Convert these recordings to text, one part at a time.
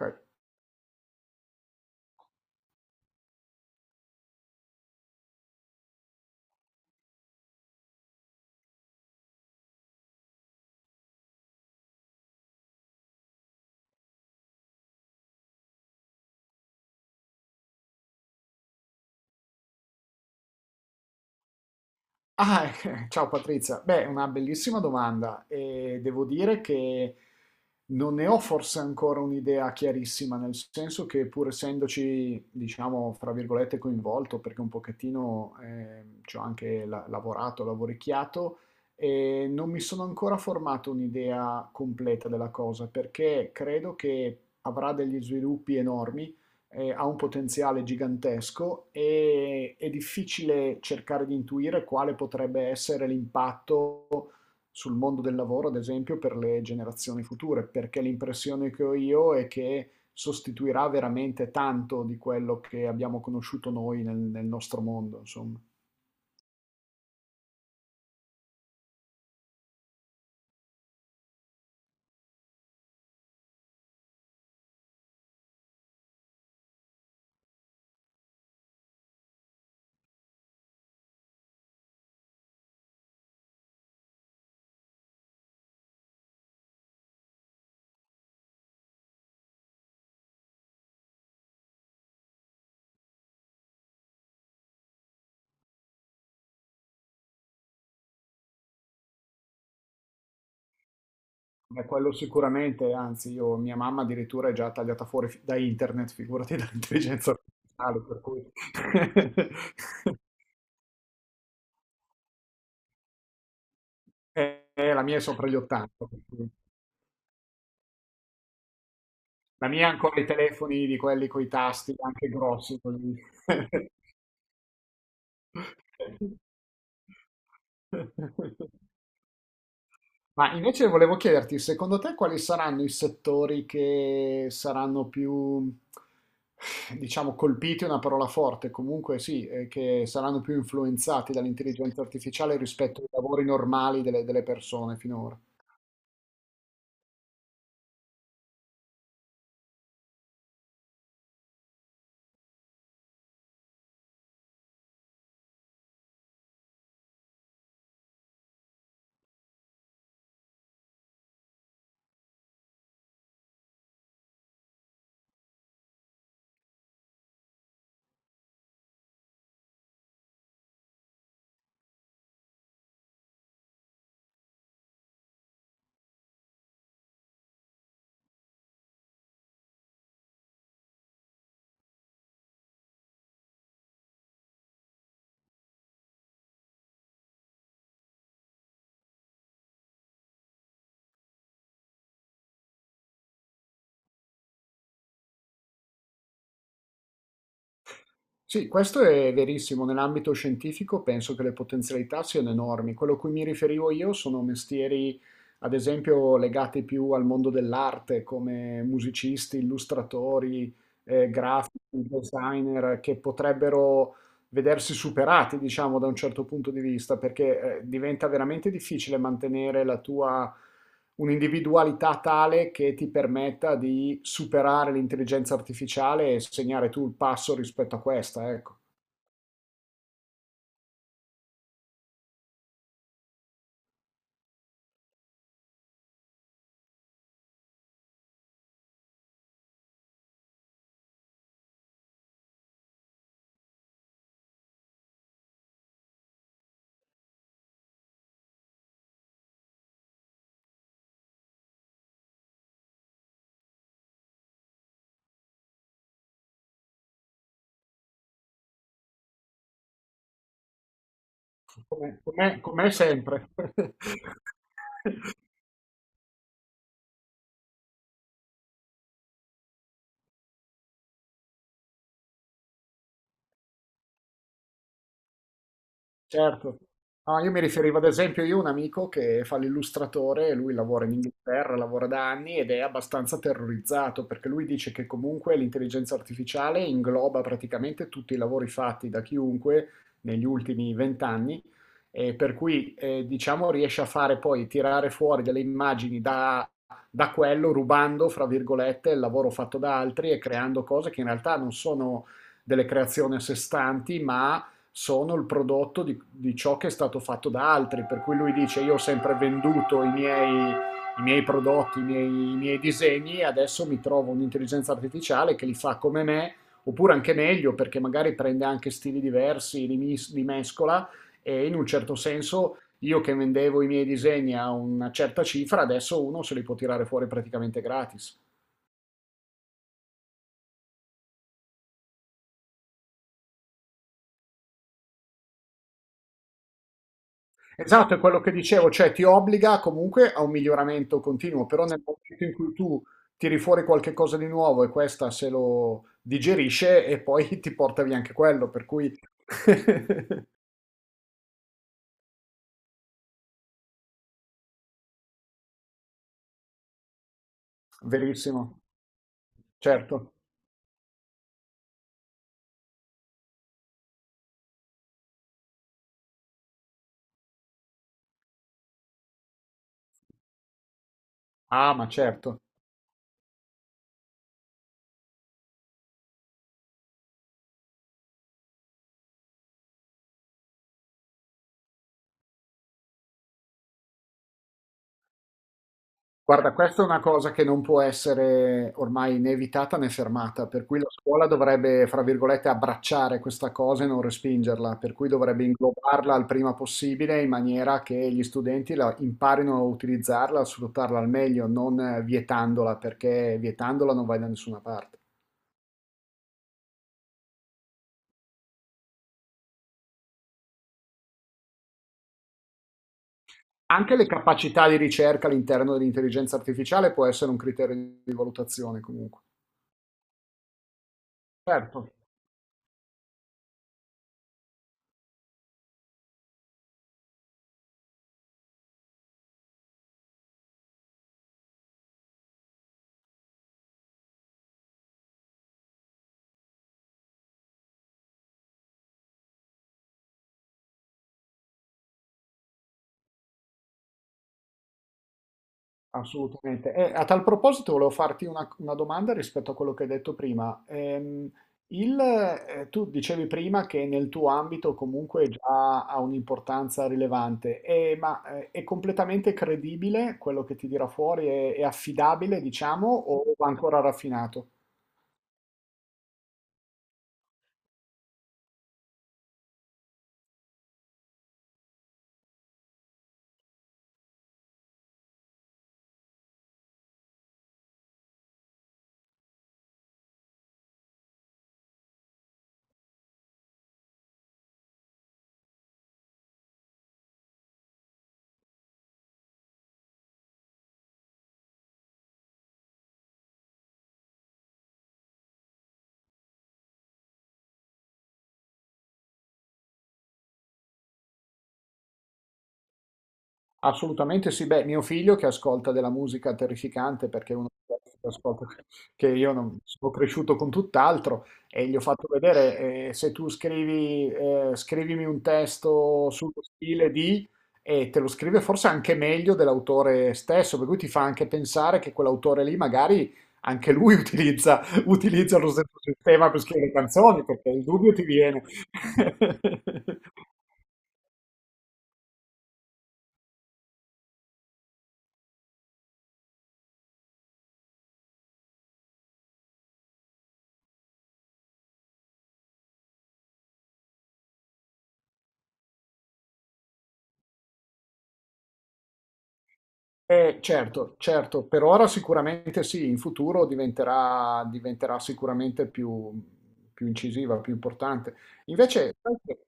Okay. Ah, Ciao Patrizia. Beh, è una bellissima domanda e devo dire che non ne ho forse ancora un'idea chiarissima, nel senso che pur essendoci, diciamo, fra virgolette, coinvolto, perché un pochettino ci ho anche lavorato, lavoricchiato, e non mi sono ancora formato un'idea completa della cosa, perché credo che avrà degli sviluppi enormi, ha un potenziale gigantesco e è difficile cercare di intuire quale potrebbe essere l'impatto sul mondo del lavoro, ad esempio, per le generazioni future, perché l'impressione che ho io è che sostituirà veramente tanto di quello che abbiamo conosciuto noi nel nostro mondo, insomma. Beh, quello sicuramente, anzi, io, mia mamma addirittura è già tagliata fuori da internet, figurati dall'intelligenza artificiale, per cui... la mia è sopra gli 80. La mia ha ancora i telefoni di quelli coi tasti, anche grossi così. Ma invece volevo chiederti, secondo te quali saranno i settori che saranno più, diciamo, colpiti, è una parola forte, comunque sì, che saranno più influenzati dall'intelligenza artificiale rispetto ai lavori normali delle persone finora? Sì, questo è verissimo. Nell'ambito scientifico penso che le potenzialità siano enormi. Quello a cui mi riferivo io sono mestieri, ad esempio, legati più al mondo dell'arte, come musicisti, illustratori, grafici, designer, che potrebbero vedersi superati, diciamo, da un certo punto di vista, perché diventa veramente difficile mantenere la tua un'individualità tale che ti permetta di superare l'intelligenza artificiale e segnare tu il passo rispetto a questa, ecco. Come sempre. Certo. No, io mi riferivo ad esempio, io ho un amico che fa l'illustratore, lui lavora in Inghilterra, lavora da anni ed è abbastanza terrorizzato perché lui dice che comunque l'intelligenza artificiale ingloba praticamente tutti i lavori fatti da chiunque negli ultimi vent'anni e per cui diciamo riesce a fare poi tirare fuori delle immagini da quello rubando, fra virgolette, il lavoro fatto da altri e creando cose che in realtà non sono delle creazioni a sé stanti, ma sono il prodotto di ciò che è stato fatto da altri, per cui lui dice io ho sempre venduto i miei prodotti, i miei disegni e adesso mi trovo un'intelligenza artificiale che li fa come me, oppure anche meglio perché magari prende anche stili diversi, li, li mescola e in un certo senso io che vendevo i miei disegni a una certa cifra, adesso uno se li può tirare fuori praticamente gratis. Esatto, è quello che dicevo, cioè ti obbliga comunque a un miglioramento continuo, però nel momento in cui tu tiri fuori qualche cosa di nuovo e questa se lo digerisce e poi ti porta via anche quello, per cui verissimo, certo. Ah, ma certo. Guarda, questa è una cosa che non può essere ormai né evitata né fermata, per cui la scuola dovrebbe, fra virgolette, abbracciare questa cosa e non respingerla, per cui dovrebbe inglobarla il prima possibile in maniera che gli studenti la imparino a utilizzarla, a sfruttarla al meglio, non vietandola, perché vietandola non vai da nessuna parte. Anche le capacità di ricerca all'interno dell'intelligenza artificiale può essere un criterio di valutazione comunque. Certo. Assolutamente. E a tal proposito volevo farti una domanda rispetto a quello che hai detto prima. Tu dicevi prima che nel tuo ambito comunque già ha un'importanza rilevante, ma è completamente credibile quello che ti dirà fuori, è affidabile, diciamo, o va ancora raffinato? Assolutamente sì, beh, mio figlio che ascolta della musica terrificante perché è uno di quelli che ascolta, che io non, sono cresciuto con tutt'altro e gli ho fatto vedere se tu scrivi, scrivimi un testo sullo stile di e te lo scrive forse anche meglio dell'autore stesso, per cui ti fa anche pensare che quell'autore lì magari anche lui utilizza lo stesso sistema per scrivere canzoni, perché il dubbio ti viene. Certo, certo, per ora sicuramente sì, in futuro diventerà, diventerà sicuramente più, più incisiva, più importante. Invece, sai che-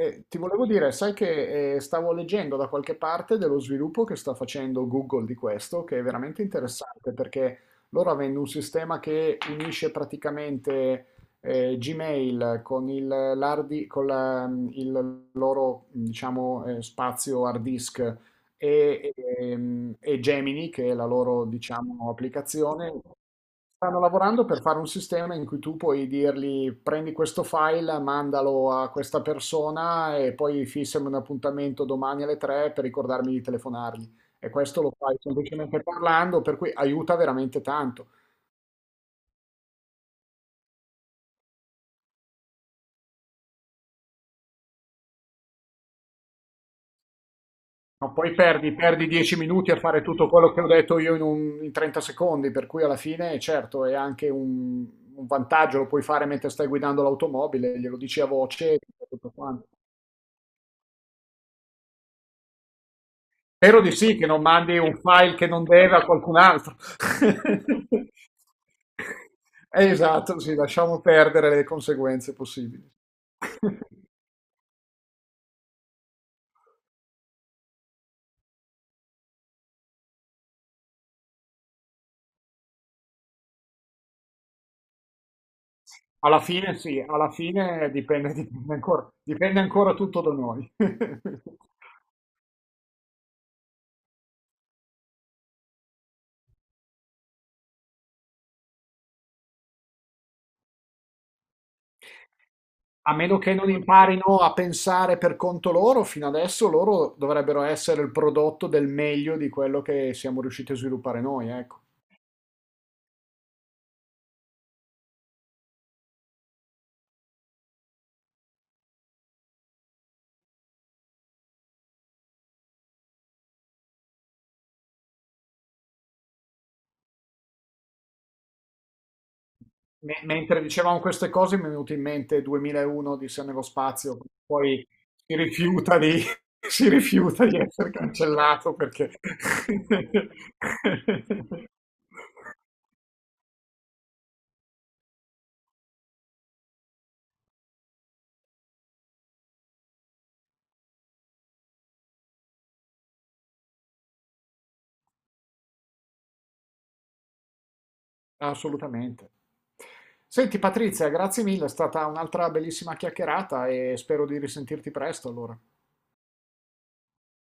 eh, ti volevo dire, sai che stavo leggendo da qualche parte dello sviluppo che sta facendo Google di questo, che è veramente interessante perché loro avendo un sistema che unisce praticamente Gmail con il, l'hard di- con la- il loro, diciamo, spazio hard disk e Gemini, che è la loro, diciamo, applicazione, stanno lavorando per fare un sistema in cui tu puoi dirgli prendi questo file, mandalo a questa persona e poi fissami un appuntamento domani alle 3 per ricordarmi di telefonargli. E questo lo fai semplicemente parlando, per cui aiuta veramente tanto. No, perdi 10 minuti a fare tutto quello che ho detto io in 30 secondi, per cui alla fine, certo, è anche un vantaggio, lo puoi fare mentre stai guidando l'automobile, glielo dici a voce e tutto quanto. Spero di sì, che non mandi un file che non deve a qualcun altro. Esatto, sì, lasciamo perdere le conseguenze possibili. Alla fine sì, alla fine dipende, dipende ancora tutto da noi. A meno che non imparino a pensare per conto loro, fino adesso loro dovrebbero essere il prodotto del meglio di quello che siamo riusciti a sviluppare noi, ecco. Mentre dicevamo queste cose mi è venuto in mente 2001 di Se nello spazio, poi si rifiuta di, si rifiuta di essere cancellato perché... Assolutamente. Senti Patrizia, grazie mille, è stata un'altra bellissima chiacchierata e spero di risentirti presto allora.